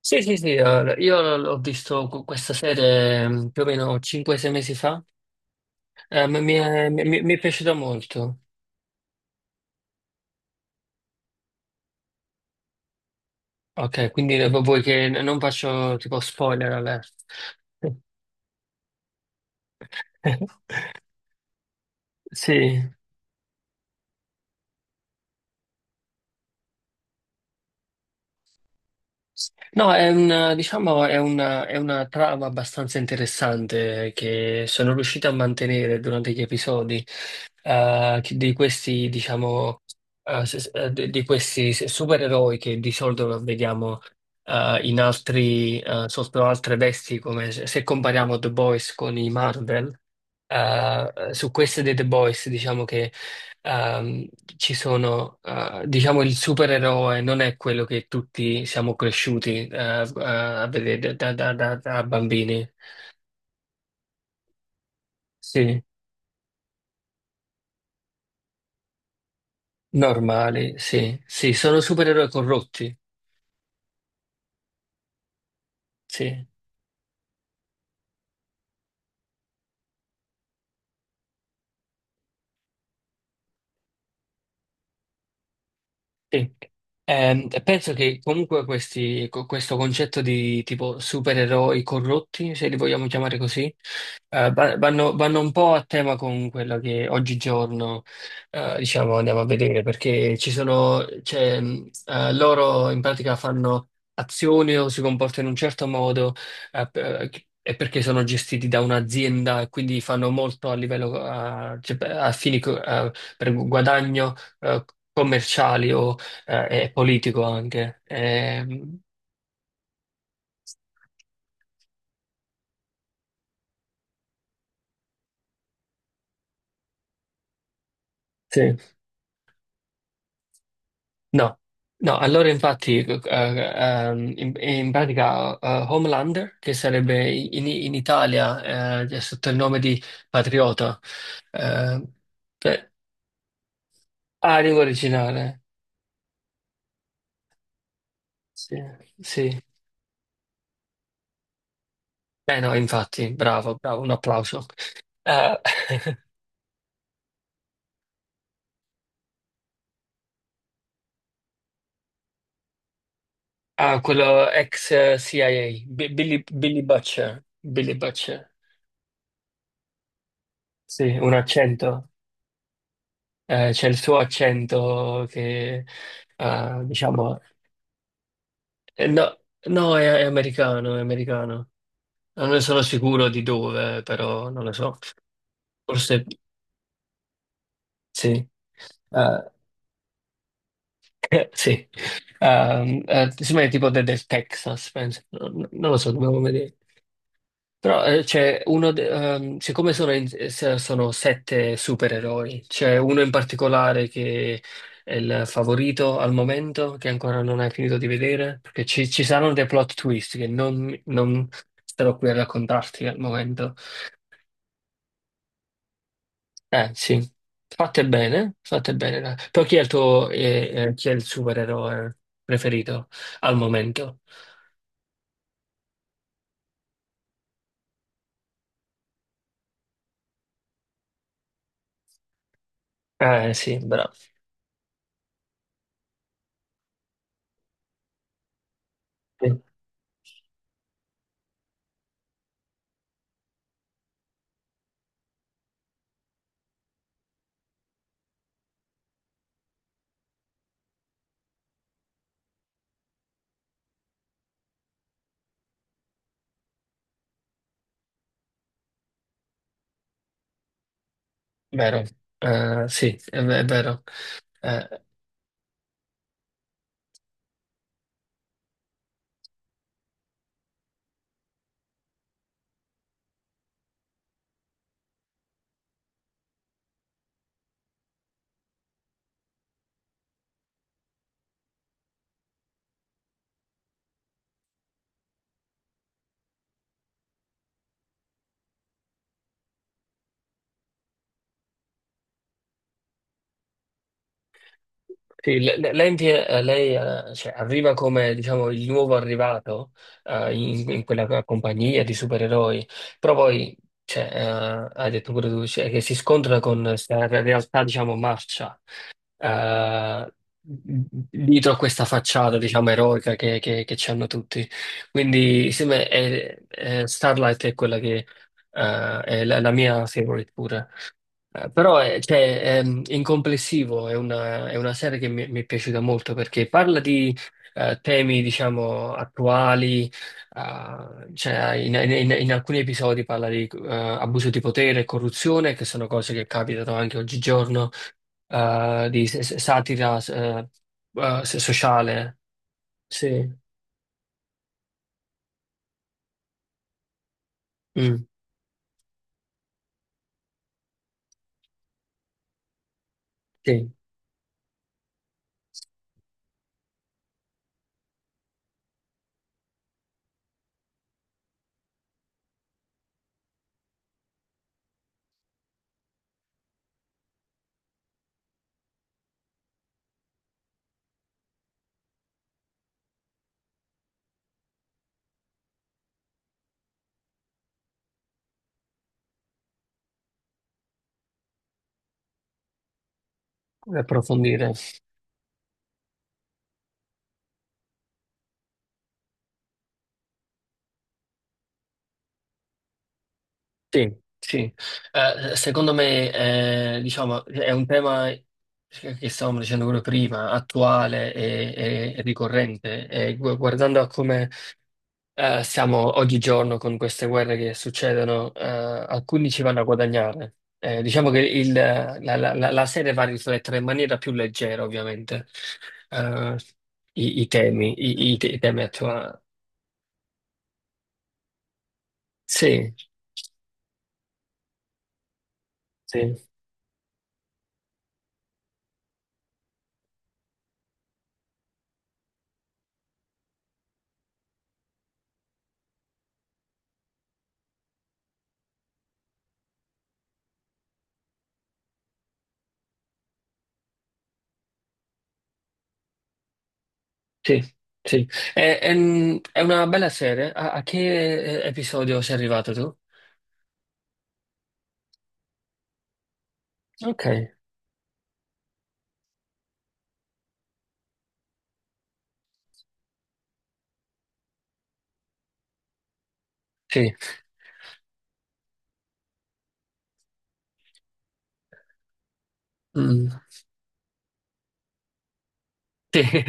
Sì, sì, sì, io ho visto questa serie più o meno 5-6 mesi fa. Mi è piaciuta molto. Ok, quindi vuoi che non faccio tipo spoiler alert? Sì. No, diciamo, è una trama abbastanza interessante che sono riuscito a mantenere durante gli episodi, di questi, diciamo, di questi supereroi che di solito vediamo in altri, sotto altre vesti, come se compariamo The Boys con i Marvel. Su queste dei The Boys, diciamo, ehm, ci sono, diciamo, il supereroe non è quello che tutti siamo cresciuti, a vedere da bambini. Sì, normali, sì, sì, sono supereroi corrotti, sì. Sì. Penso che comunque questo concetto di tipo supereroi corrotti, se li vogliamo chiamare così, vanno un po' a tema con quello che oggigiorno, diciamo, andiamo a vedere, perché ci sono, cioè, loro in pratica fanno azioni o si comportano in un certo modo, eh, per- e perché sono gestiti da un'azienda e quindi fanno molto a livello, cioè, a fini, per guadagno, eh, commerciali o è politico anche. Sì, no, no, allora infatti in pratica Homelander, che sarebbe in Italia sotto il nome di Patriota. eh, Beh, ah, lingua originale, sì, sì. Eh no, infatti, bravo, bravo, un applauso. Eh, ah, quello ex CIA, Billy, Billy Butcher, Billy Butcher, sì, un accento. C'è il suo accento che, diciamo, no, no, è americano, è americano. Non ne sono sicuro di dove, però non lo so. Forse sì. Eh, sì. Sembra tipo del Texas, penso. Non lo so, dobbiamo vedere. Però c'è uno, siccome sono, sono sette supereroi, c'è uno in particolare che è il favorito al momento, che ancora non hai finito di vedere, perché ci saranno dei plot twist che non starò qui a raccontarti al momento. Eh sì, fate bene, fate bene. Dai. Però chi è il tuo, chi è il supereroe preferito al momento? Eh sì, bravo. Sì, vero. Eh sì, è vero. Eh, Sì, lei, cioè, arriva come diciamo, il nuovo arrivato, in quella compagnia di supereroi, però poi cioè, hai detto pure tu cioè, che si scontra con questa realtà diciamo, marcia, eh, dietro a questa facciata diciamo, eroica che ci hanno tutti. Quindi sì, beh, Starlight è quella che è la mia favorite pure. Però cioè, in complessivo è una serie che mi è piaciuta molto perché parla di temi, diciamo, attuali. Cioè, in alcuni episodi parla di abuso di potere e corruzione, che sono cose che capitano anche oggigiorno, di satira sociale. Sì. Mm, sì, approfondire. Sì, sì. Secondo me, diciamo, è un tema che stavamo dicendo pure prima, attuale e ricorrente. E guardando a come siamo oggigiorno con queste guerre che succedono, alcuni ci vanno a guadagnare. Diciamo che la serie va a riflettere in maniera più leggera, ovviamente, eh, i temi, i temi attuali. Sì, sì. Sì, sì. È una bella serie. A che episodio sei arrivato tu? Ok, sì. Mm, sì.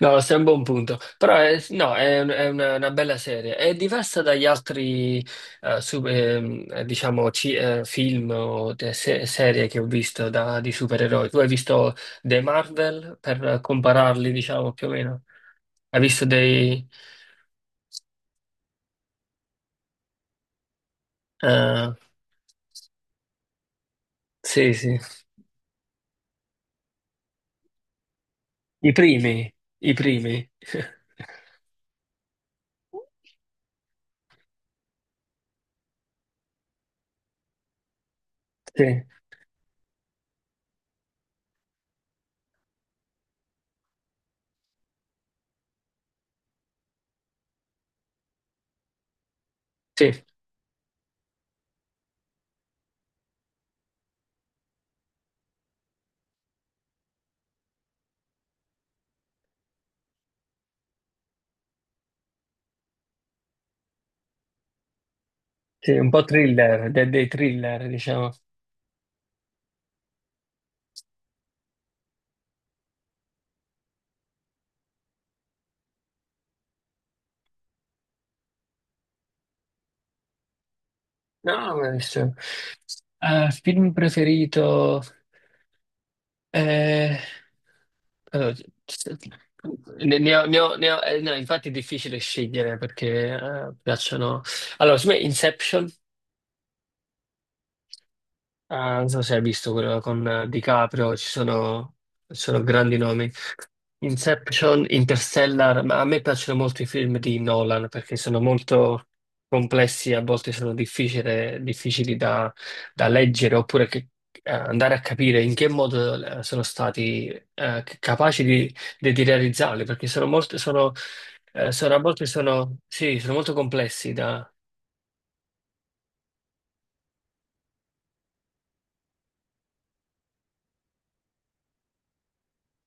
No, sei a un buon punto. Però no, è una bella serie. È diversa dagli altri, diciamo, film o serie che ho visto di supereroi. Tu hai visto dei Marvel per compararli, diciamo, più o meno? Hai visto dei... eh, sì, sì. I primi, i primi. Sì, sì, sì, un po' thriller, dei thriller, diciamo. No, ma film preferito... eh, allora, c- no, infatti è difficile scegliere perché piacciono... Allora, secondo me Inception. Ah, non so se hai visto quello con DiCaprio, ci sono grandi nomi. Inception, Interstellar, ma a me piacciono molto i film di Nolan perché sono molto complessi, a volte sono difficili da leggere oppure andare a capire in che modo sono stati capaci di realizzarli, perché sono molto, sono, a volte sono, sì, sono molto complessi.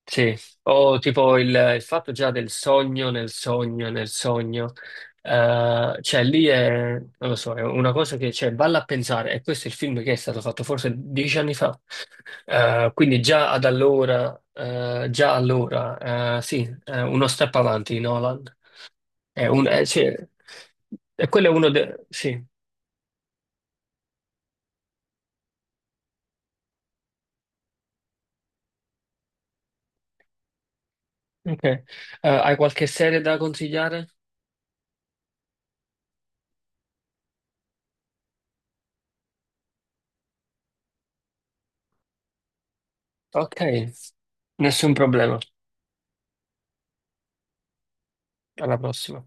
Sì, o tipo il fatto già del sogno nel sogno nel sogno. Cioè lì è, non lo so, è una cosa che, cioè, valla a pensare, e questo è il film che è stato fatto forse 10 anni fa. Quindi già ad allora, già allora, sì, uno step avanti Nolan. Cioè, e quello è uno dei, sì. Ok. Hai qualche serie da consigliare? Ok, nessun problema, alla prossima.